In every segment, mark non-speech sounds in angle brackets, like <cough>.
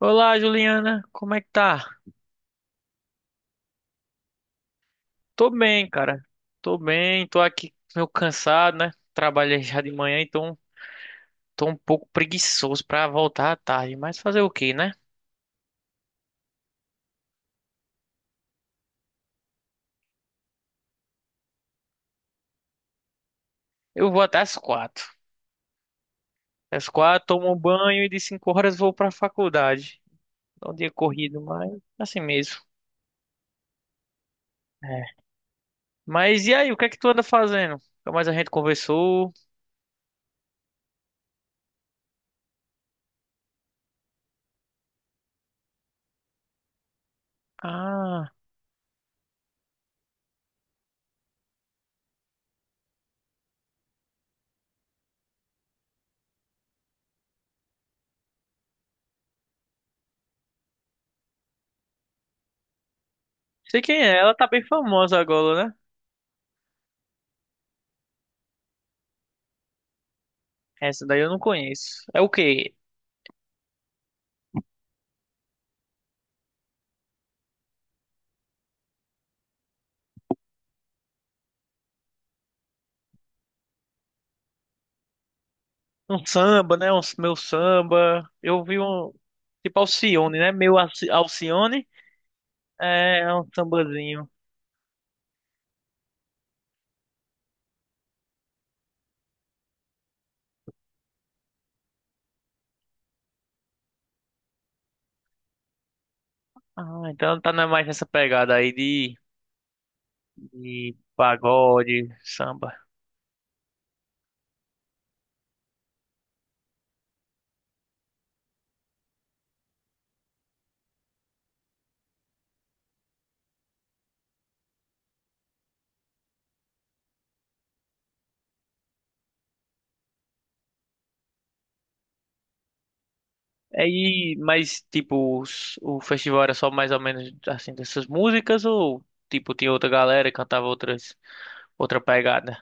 Olá, Juliana, como é que tá? Tô bem, cara. Tô bem, tô aqui meio cansado, né? Trabalhei já de manhã, então tô um pouco preguiçoso pra voltar à tarde, mas fazer o quê, né? Eu vou até às quatro. Às quatro, tomo um banho e de cinco horas vou pra faculdade. É um dia corrido, mas assim mesmo. É. Mas e aí, o que é que tu anda fazendo? Nunca mais a gente conversou. Ah, sei quem é, ela tá bem famosa agora, né? Essa daí eu não conheço. É o quê? Um samba, né? Um meu samba. Eu vi um tipo Alcione, né? Alcione é um sambazinho. Ah, então mais nessa pegada aí de pagode, samba. Aí, mas tipo, o festival era só mais ou menos assim dessas músicas ou tipo tinha outra galera que cantava outra pegada?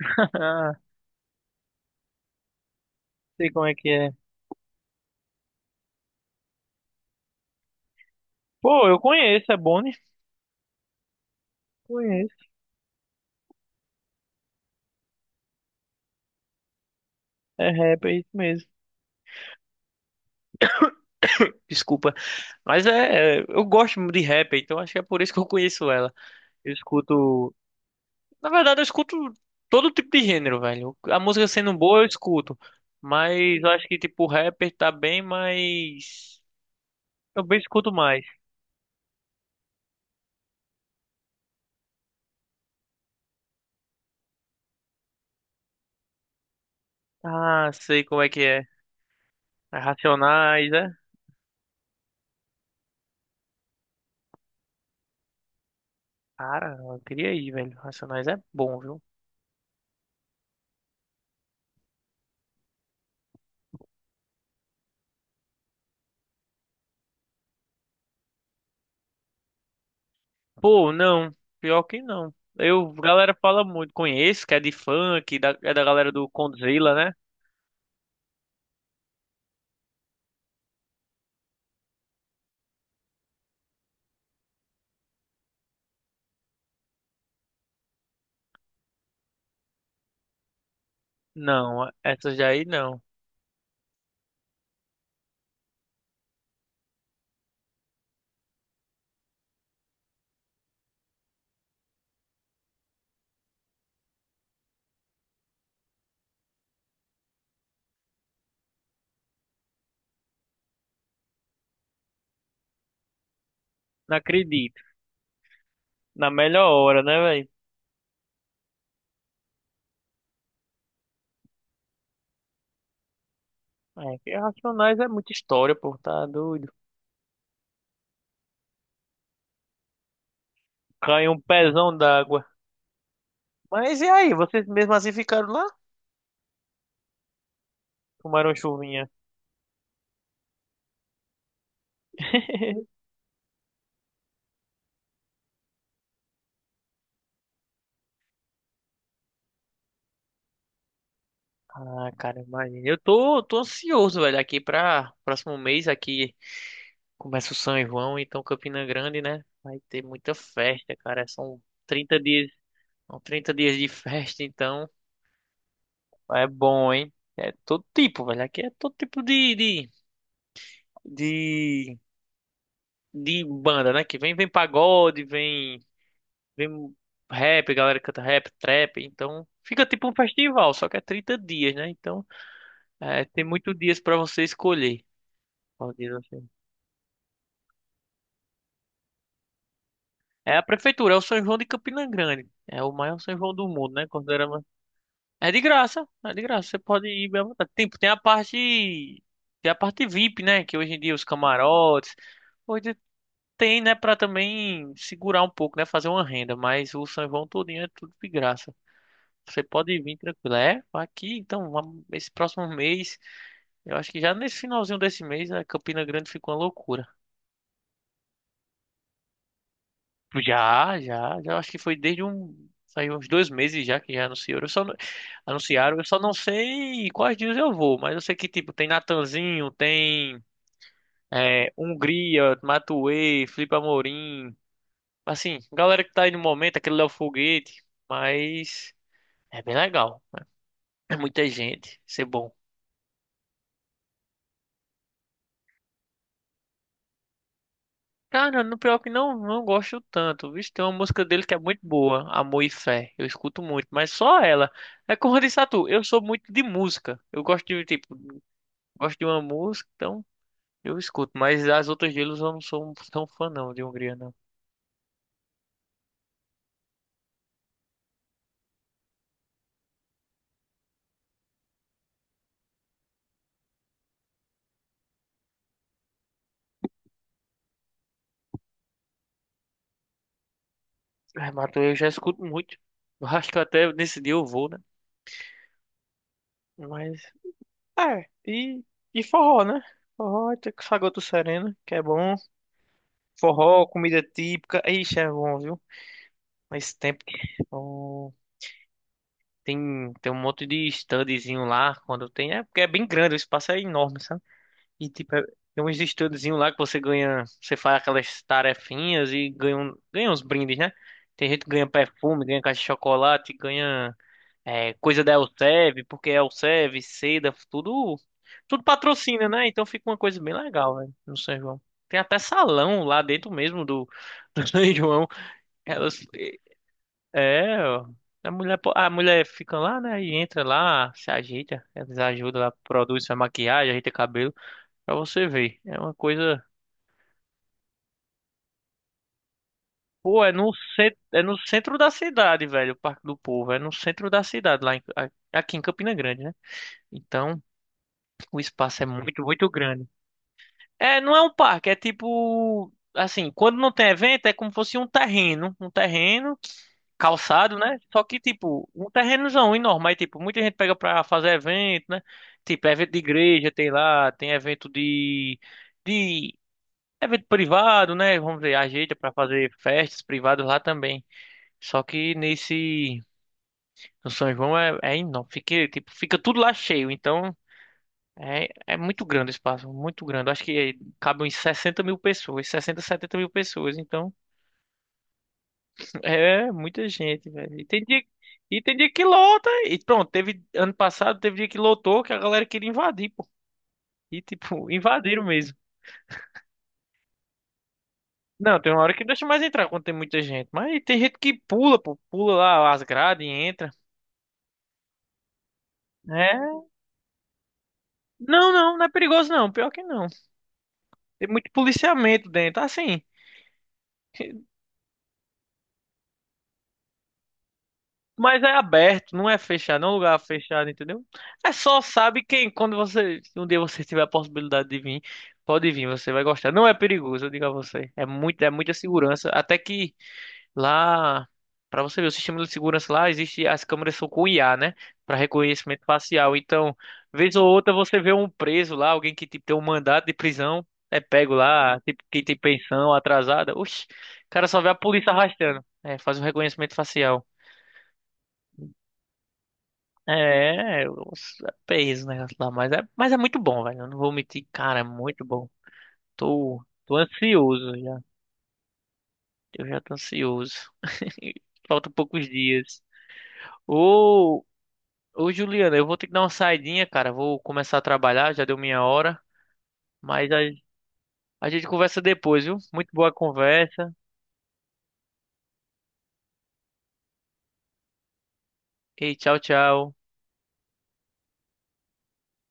<laughs> Ah, sei como é que é. Pô, eu conheço, é Boni. Conheço. É rap, é isso mesmo. Desculpa. Mas eu gosto muito de rap, então acho que é por isso que eu conheço ela. Eu escuto, na verdade, eu escuto todo tipo de gênero, velho. A música sendo boa, eu escuto. Mas eu acho que tipo rapper tá bem mas eu bem escuto mais. Ah, sei como é que é. É Racionais, é? Cara, eu queria ir, velho. Racionais é bom, viu? Pô, não. Pior que não. Eu, a galera fala muito, conheço, que é de funk, é da galera do Condzilla, né? Não, essas daí não. Não acredito. Na melhor hora, né, velho? É, que Racionais é muita história, pô, tá doido. Caiu um pezão d'água. Mas e aí, vocês mesmo assim ficaram lá? Tomaram chuvinha. <laughs> Ah, cara, imagina. Eu tô ansioso, velho, aqui pra próximo mês aqui começa o São João, então Campina Grande, né? Vai ter muita festa, cara. São 30 dias, são 30 dias de festa, então é bom, hein? É todo tipo, velho. Aqui é todo tipo de de banda, né? Que vem, vem pagode, vem rap, a galera canta rap, trap. Então fica tipo um festival, só que é 30 dias, né? Então é, tem muitos dias pra você escolher. qual dia você- É a prefeitura, é o São João de Campina Grande. É o maior São João do mundo, né? Considerando... É de graça, é de graça. Você pode ir bem à vontade. Tem a parte. Tem a parte VIP, né? Que hoje em dia os camarotes. Hoje tem, né? Pra também segurar um pouco, né? Fazer uma renda. Mas o São João todinho é tudo de graça. Você pode vir tranquilo. É, aqui, então, esse próximo mês, eu acho que já nesse finalzinho desse mês, a Campina Grande ficou uma loucura. Já acho que foi desde um, saiu uns 2 meses já que já anunciaram. Eu só, não- anunciaram, eu só não sei quais dias eu vou, mas eu sei que, tipo, tem Natanzinho, tem é, Hungria, Matuê, Felipe Amorim, assim, galera que tá aí no momento, aquele Léo Foguete, mas é bem legal. É muita gente, isso é bom. Cara, no pior que não, não gosto tanto. Vixe, tem uma música dele que é muito boa, Amor e Fé. Eu escuto muito, mas só ela. É como eu disse a tu, eu sou muito de música. Eu gosto de, tipo, gosto de uma música, então eu escuto. Mas as outras deles eu não sou um, tão fã não, de Hungria, não. É, eu já escuto muito. Eu <laughs> acho que até nesse dia eu vou, né? Mas, é, e, e forró, né? Forró, tem que Sagoto Sereno, que é bom. Forró, comida típica, ixi, é bom, viu? Mas tempo que... Tem um monte de standzinho lá quando tem. É porque é bem grande, o espaço é enorme, sabe? E tipo, tem uns standzinho lá que você ganha. Você faz aquelas tarefinhas e ganha, ganha uns brindes, né? Tem gente que ganha perfume, ganha caixa de chocolate, ganha é, coisa da Elsev, porque Elsev, Seda, tudo. Tudo patrocina, né? Então fica uma coisa bem legal, velho, no São João. Tem até salão lá dentro mesmo do, <laughs> do São João. Elas- é, ó. A mulher fica lá, né? E entra lá, se ajeita, eles ajudam, ela produz sua maquiagem, ajeita cabelo, pra você ver. É uma coisa. Pô, é no centro da cidade, velho, o Parque do Povo. É no centro da cidade, aqui em Campina Grande, né? Então, o espaço é muito, muito grande. É, não é um parque, é tipo, assim, quando não tem evento, é como se fosse um terreno calçado, né? Só que, tipo, um terrenozão enorme, aí, tipo, muita gente pega pra fazer evento, né? Tipo, evento de igreja tem lá, tem evento de evento privado, né? Vamos dizer, ajeita pra fazer festas privadas lá também. Só que no São João é enorme, fica, tipo, fica tudo lá cheio, então é muito grande o espaço, muito grande. Eu acho que cabe uns 60 mil pessoas, 60, 70 mil pessoas. Então, <laughs> é muita gente, velho. E tem dia que lota. E pronto, teve ano passado, teve dia que lotou, que a galera queria invadir, pô. E tipo, <laughs> invadiram mesmo. Não, tem uma hora que não deixa mais entrar quando tem muita gente. Mas tem gente que pula, pô, pula lá as grades e entra. É. Não, é perigoso não. Pior que não. Tem muito policiamento dentro. Assim, <laughs> Mas é aberto, não é fechado, não é um lugar fechado, entendeu? É só, sabe, quem, quando você, um dia você tiver a possibilidade de vir, pode vir, você vai gostar. Não é perigoso, eu digo a você. É muito, é muita segurança. Até que lá, pra você ver, o sistema de segurança lá existe, as câmeras são com IA, né? Pra reconhecimento facial. Então, vez ou outra você vê um preso lá, alguém que tipo, tem um mandado de prisão, é pego lá, tipo, quem tem pensão atrasada. Oxi, o cara só vê a polícia arrastando. É, faz um reconhecimento facial. É, eu peguei esse negócio lá, mas é muito bom, velho. Eu não vou mentir, cara, é muito bom. Tô ansioso já. Eu já tô ansioso. <laughs> Faltam poucos dias. Ô, ô, Juliana, eu vou ter que dar uma saidinha, cara. Vou começar a trabalhar, já deu minha hora. Mas a, a gente conversa depois, viu? Muito boa a conversa. E tchau, tchau.